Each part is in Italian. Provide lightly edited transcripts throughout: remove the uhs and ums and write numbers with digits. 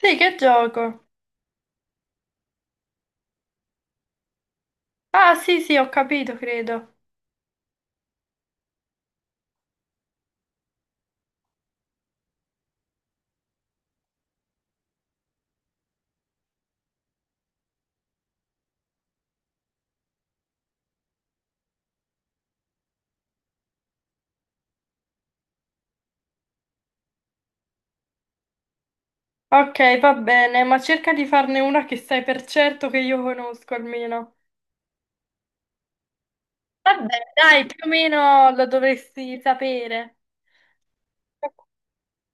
Sì, che gioco? Ah, sì, sì, ho capito, credo. Ok, va bene, ma cerca di farne una che sai per certo che io conosco almeno. Vabbè, dai, più o meno lo dovresti sapere.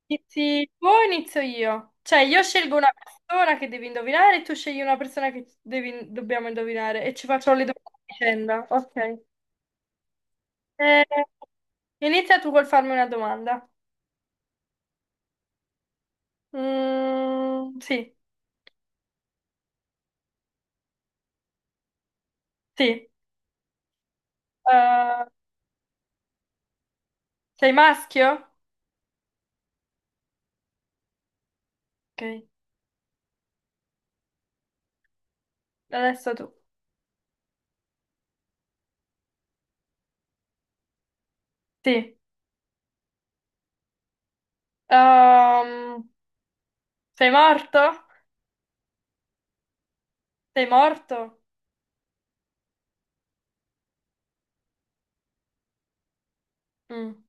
Inizi tu o inizio io? Cioè, io scelgo una persona che devi indovinare e tu scegli una persona che dobbiamo indovinare e ci faccio le domande a vicenda. Ok. Eh, Inizia tu col farmi una domanda. Sì, sì. Eh, Sei maschio? Ok, adesso tu. Sì. Ehm, Sei morto? Sei morto? Mm,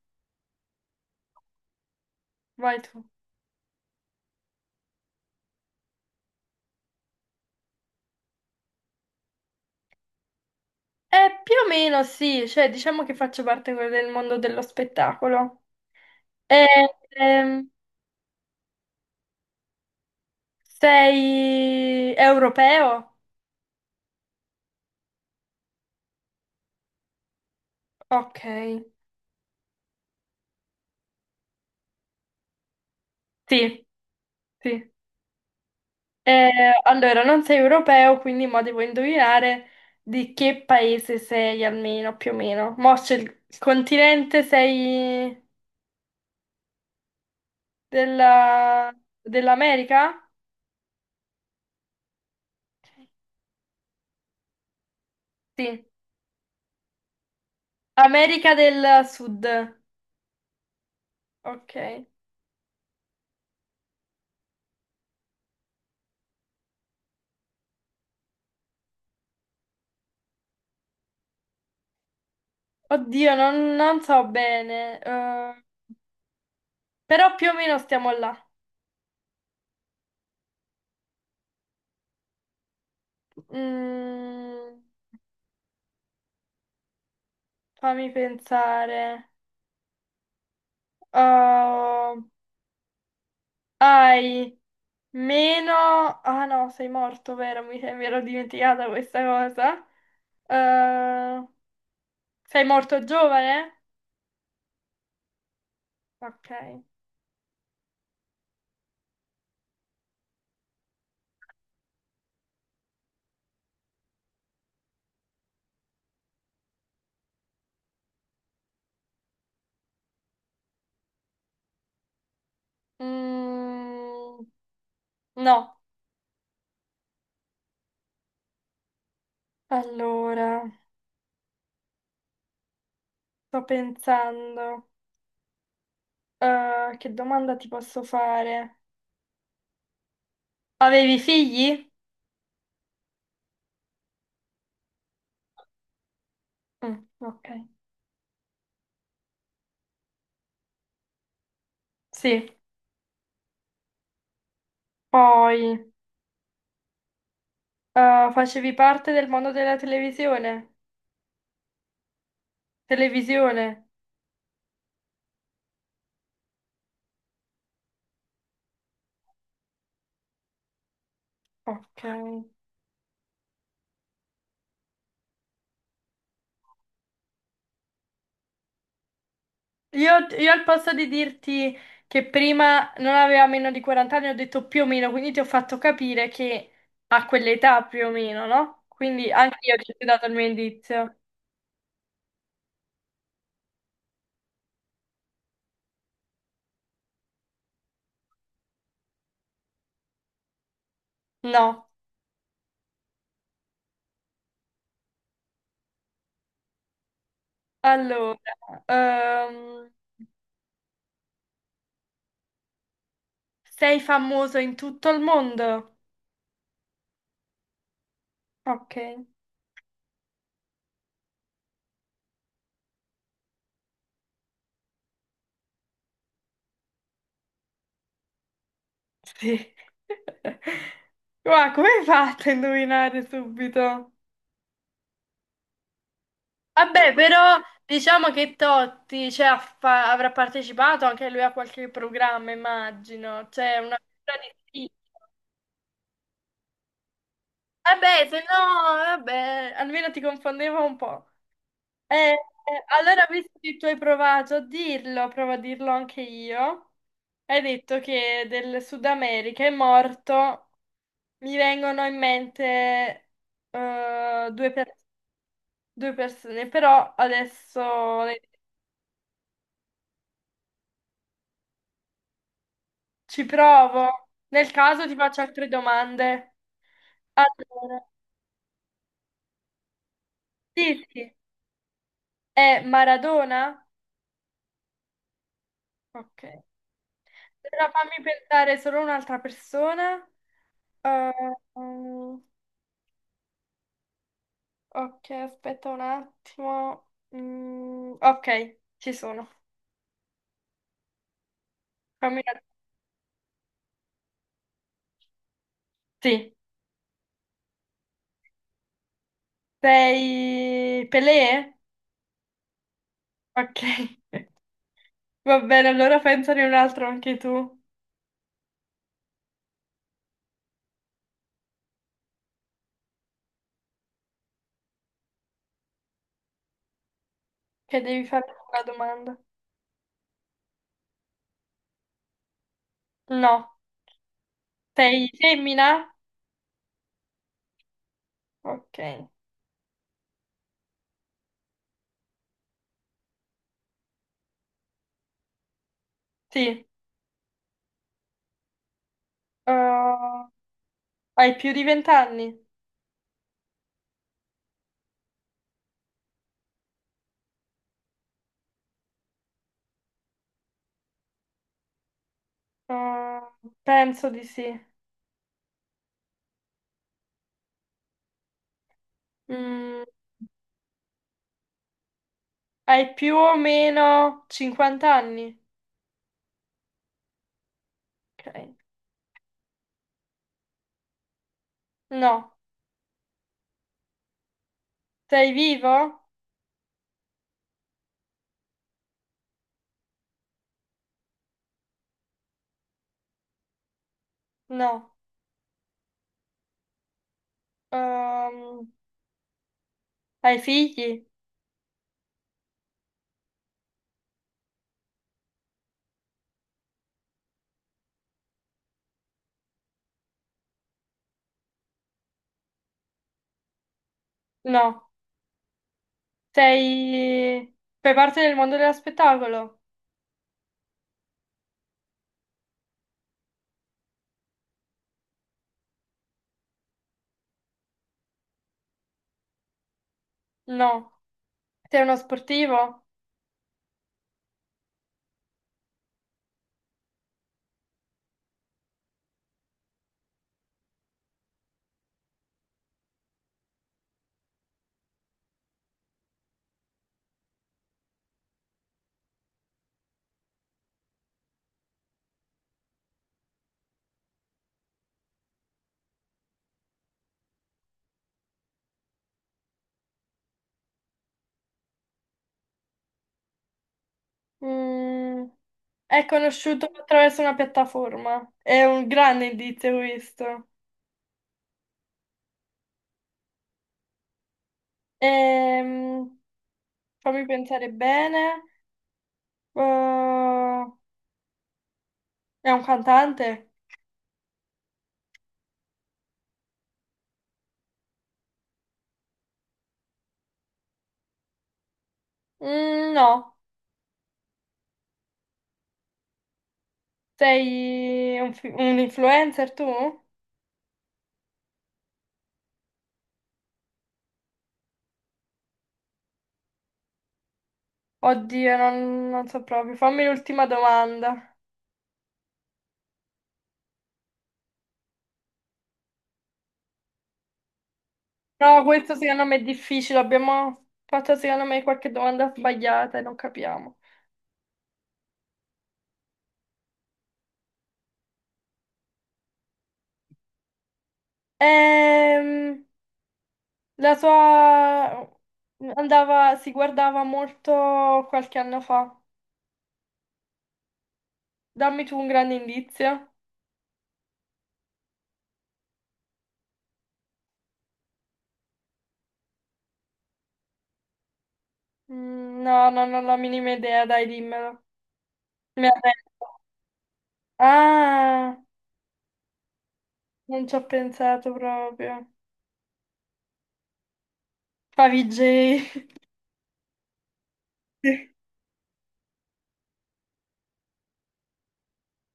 Vai tu. Più o meno sì, cioè diciamo che faccio parte del mondo dello spettacolo. Eh, ehm, Sei europeo? Ok, sì, sì. Allora, non sei europeo, quindi mo devo indovinare di che paese sei almeno, più o meno. Mo c'è il continente, sei... Della... Dell'America? Sì, America del Sud. Ok. Oddio, non so bene, però più o meno stiamo là. Mm, Fammi pensare. Oh, hai meno... Ah no, sei morto, vero? Mi ero dimenticata questa cosa. Eh, Sei morto giovane? Ok. Mm, no. Allora, sto pensando, che domanda ti posso fare? Avevi figli? Mm, ok. Sì. Poi, facevi parte del mondo della televisione? Televisione? Ok. Io al posto di dirti che prima non aveva meno di 40 anni, ho detto più o meno, quindi ti ho fatto capire che a quell'età più o meno, no? Quindi anche io ti ho dato il mio indizio. No. Allora, ehm, sei famoso in tutto il mondo? Ok, sì. Ma come hai fatto a indovinare subito? Vabbè, però diciamo che Totti, cioè, avrà partecipato anche lui a qualche programma, immagino. Cioè, una figura difficile. Vabbè, se no, vabbè, almeno ti confondevo un po'. Eh, eh, allora, visto che tu hai provato a dirlo, provo a dirlo anche io. Hai detto che del Sud America è morto. Mi vengono in mente due, due persone, però adesso le- ci provo. Nel caso ti faccio altre domande. Allora, sì, sì, è Maradona? Ok. Allora fammi pensare solo un'altra persona. Eh, mm, ok, aspetta un attimo. Mm, ok, ci sono. Fammi... Sì. Sei Pelé? Ok. Va bene, allora pensane un altro anche tu, che devi fare una domanda. No, sei femmina? Ok. Sì. Uh, Hai più di 20 anni? Uh, Penso di sì. Mm, Hai più o meno 50 anni? Ok. No. Sei vivo? No. Ehm, Hai figli? No. Sei... Fai parte del mondo dello spettacolo? No. Sei uno sportivo? Mm, è conosciuto attraverso una piattaforma. È un grande indizio questo. Ehm, Fammi pensare bene. Eh, è un cantante? Mm, no. Sei un influencer tu? Oddio, non so proprio. Fammi l'ultima domanda. No, questo secondo me è difficile. Abbiamo fatto secondo me qualche domanda sbagliata e non capiamo. Ehm, La tua andava, si guardava molto qualche anno fa. Dammi tu un grande indizio. Mm, no, no, non ho la minima idea, dai, dimmelo. Mi arrendo. Ah, non ci ho pensato proprio. Favij.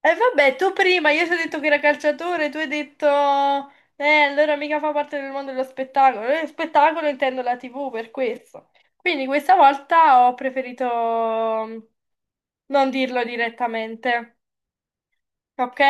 E vabbè, tu prima, io ti ho detto che era calciatore, tu hai detto, allora mica fa parte del mondo dello spettacolo. Spettacolo intendo la TV per questo. Quindi questa volta ho preferito mm, non dirlo direttamente. Ok?